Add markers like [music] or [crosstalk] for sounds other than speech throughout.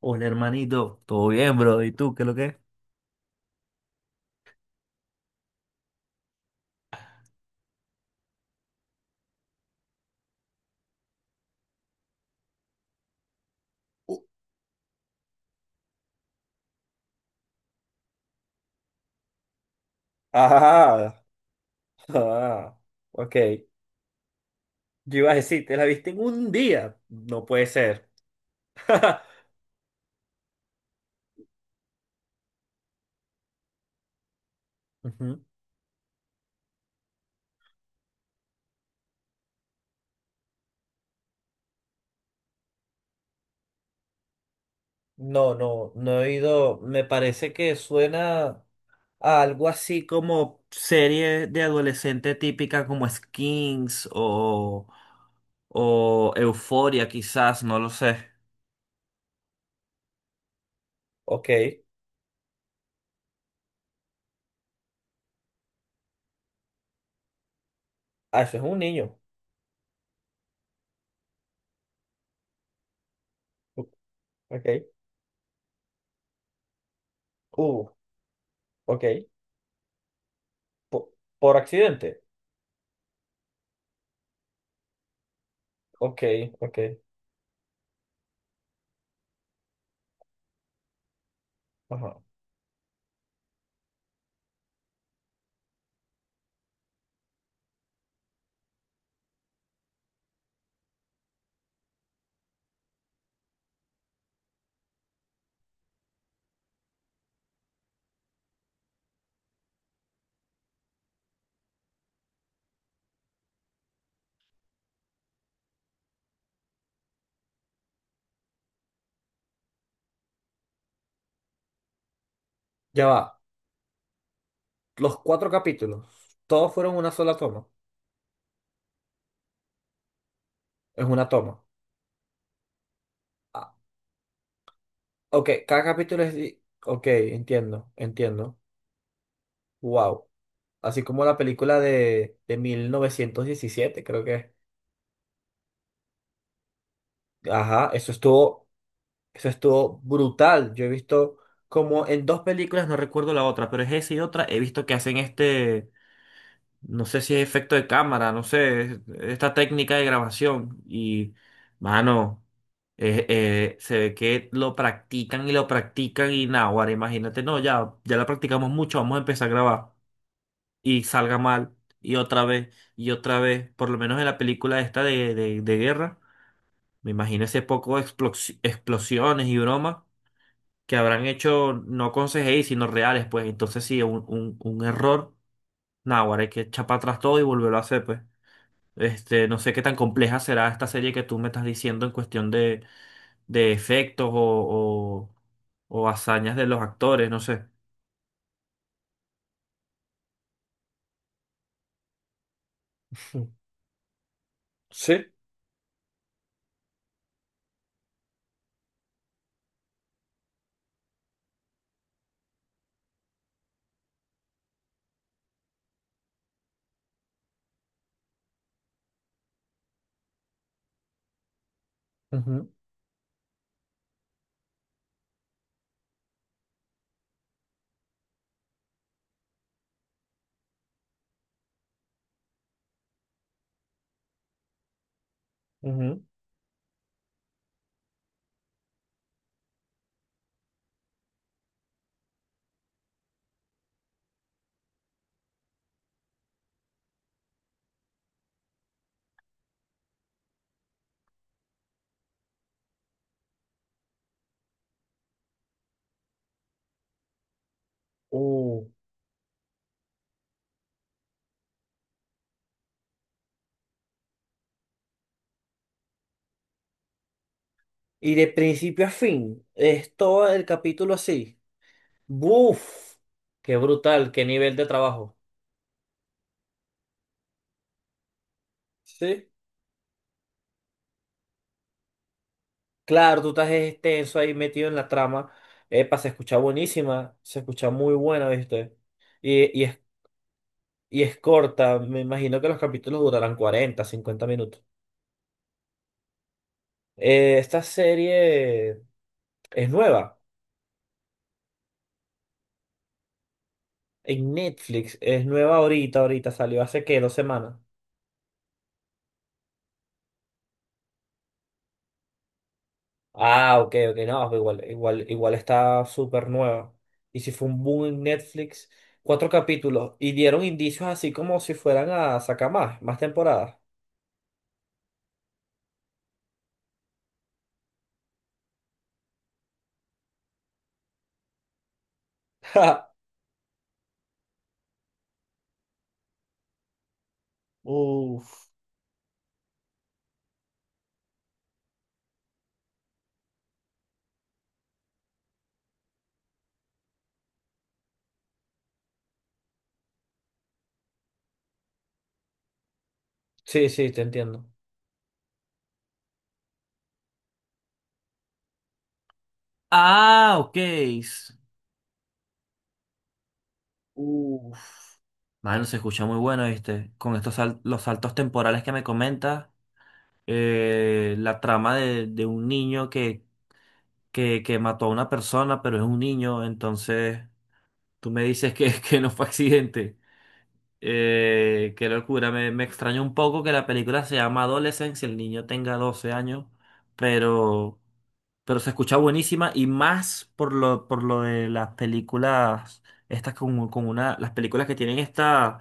Hola hermanito, ¿todo bien, bro? ¿Y tú qué es lo que es? Ah, ah, ok. Yo iba a decir, ¿te la viste en un día? No puede ser. [laughs] Ujú. No, no, no he oído. Me parece que suena a algo así como serie de adolescente típica como Skins o Euforia, quizás, no lo sé. Ok. Ah, eso es un niño. Ok. Uh, ok. Po- por accidente. Ok, ok. Ajá. Ya va. Los cuatro capítulos, todos fueron una sola toma. Es una toma. Ah, ok, cada capítulo es, ok, entiendo, entiendo. Wow. Así como la película de 1917, creo que es. Ajá, eso estuvo brutal. Yo he visto como en dos películas, no recuerdo la otra, pero es esa y otra, he visto que hacen. No sé si es efecto de cámara, no sé, esta técnica de grabación. Y, mano, se ve que lo practican y nada, ahora imagínate, no, ya, ya la practicamos mucho, vamos a empezar a grabar y salga mal y otra vez, por lo menos en la película esta de guerra, me imagino ese poco de explosiones y bromas que habrán hecho no con CGI, sino reales, pues entonces sí, un error, nada, ahora hay que echar para atrás todo y volverlo a hacer, pues. No sé qué tan compleja será esta serie que tú me estás diciendo en cuestión de efectos o hazañas de los actores, no sé. Sí. Ujú, ujú. Uh, y de principio a fin, es todo el capítulo así. ¡Buf! ¡Qué brutal! ¡Qué nivel de trabajo! Sí. Claro, tú estás extenso ahí metido en la trama. Epa, se escucha buenísima, se escucha muy buena, ¿viste? Y, y Y es corta, me imagino que los capítulos durarán 40 50 minutos. Esta serie es nueva en Netflix, es nueva ahorita, ahorita salió hace qué, 2 semanas. Ah, ok, ok, no, pero igual, igual, igual está súper nueva. Y si fue un boom en Netflix, cuatro capítulos y dieron indicios así como si fueran a sacar más temporadas. [laughs] Ja. Uf. Sí, sí, te entiendo. Ah, ok. Uf. Mano, se escucha muy bueno, ¿viste? Con estos los saltos temporales que me comentas, la trama de un niño que mató a una persona, pero es un niño, entonces tú me dices que, [laughs] que no fue accidente. Qué locura, me extrañó un poco que la película se llama Adolescence y el niño tenga 12 años, pero, pero se escucha buenísima y más por lo de las películas, estas con una, las películas que tienen esta,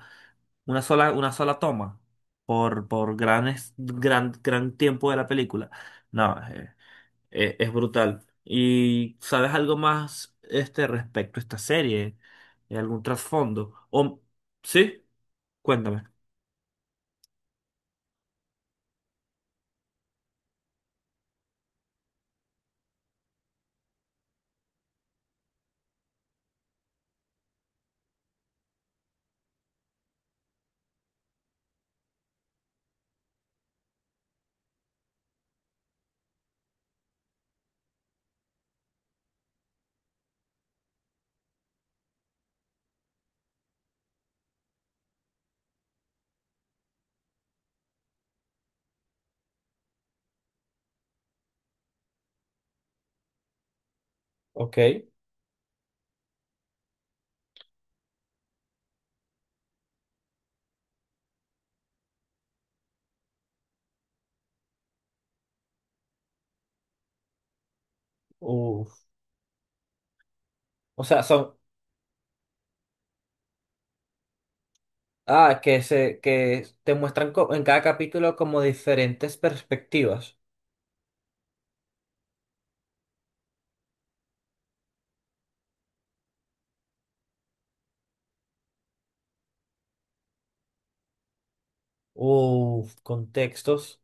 una sola toma por gran, gran tiempo de la película. No, es brutal. ¿Y sabes algo más respecto a esta serie? ¿Algún trasfondo? ¿O, sí? Cuéntame. Ok. Uf. O sea, son. Ah, que te muestran en cada capítulo como diferentes perspectivas. Uf, contextos.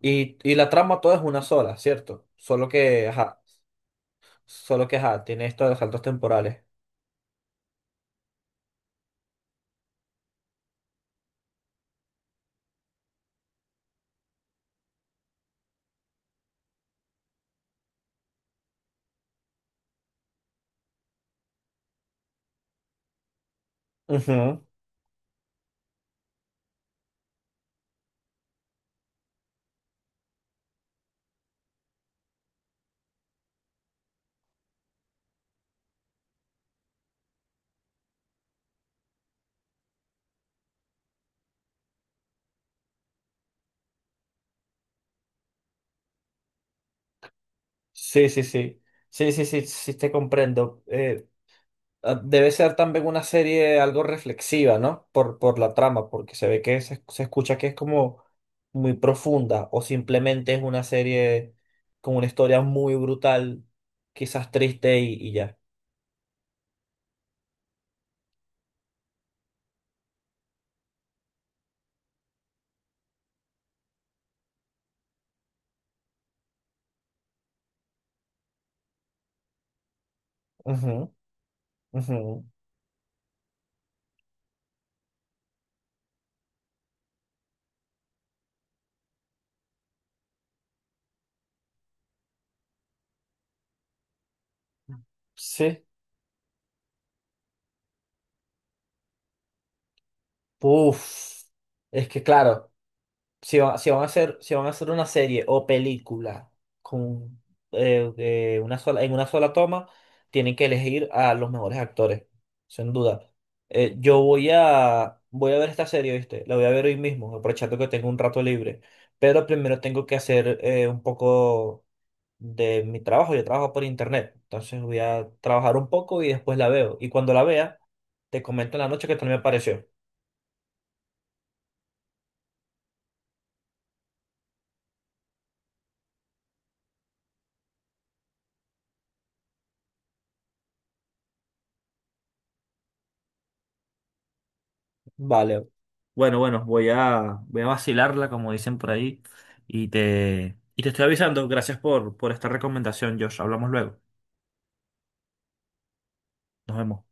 Y la trama toda es una sola, ¿cierto? Solo que, ajá. Solo que, ajá, tiene esto de los saltos temporales. Ujú. Sí, sí, sí. Sí, sí, sí, sí, te comprendo. Ah, debe ser también una serie algo reflexiva, ¿no? Por la trama, porque se ve que se escucha que es como muy profunda o simplemente es una serie con una historia muy brutal, quizás triste y ya. Ujú, ujú. Sí. Uf. Es que claro. Si van a hacer una serie o película con, de una sola, en una sola toma, tienen que elegir a los mejores actores, sin duda. Yo voy a ver esta serie, ¿viste? La voy a ver hoy mismo, aprovechando que tengo un rato libre. Pero primero tengo que hacer un poco de mi trabajo. Yo trabajo por internet, entonces voy a trabajar un poco y después la veo. Y cuando la vea, te comento en la noche qué tal me pareció. Vale, bueno, bueno, voy a vacilarla, como dicen por ahí, y te estoy avisando. Gracias por esta recomendación, Josh. Hablamos luego. Nos vemos.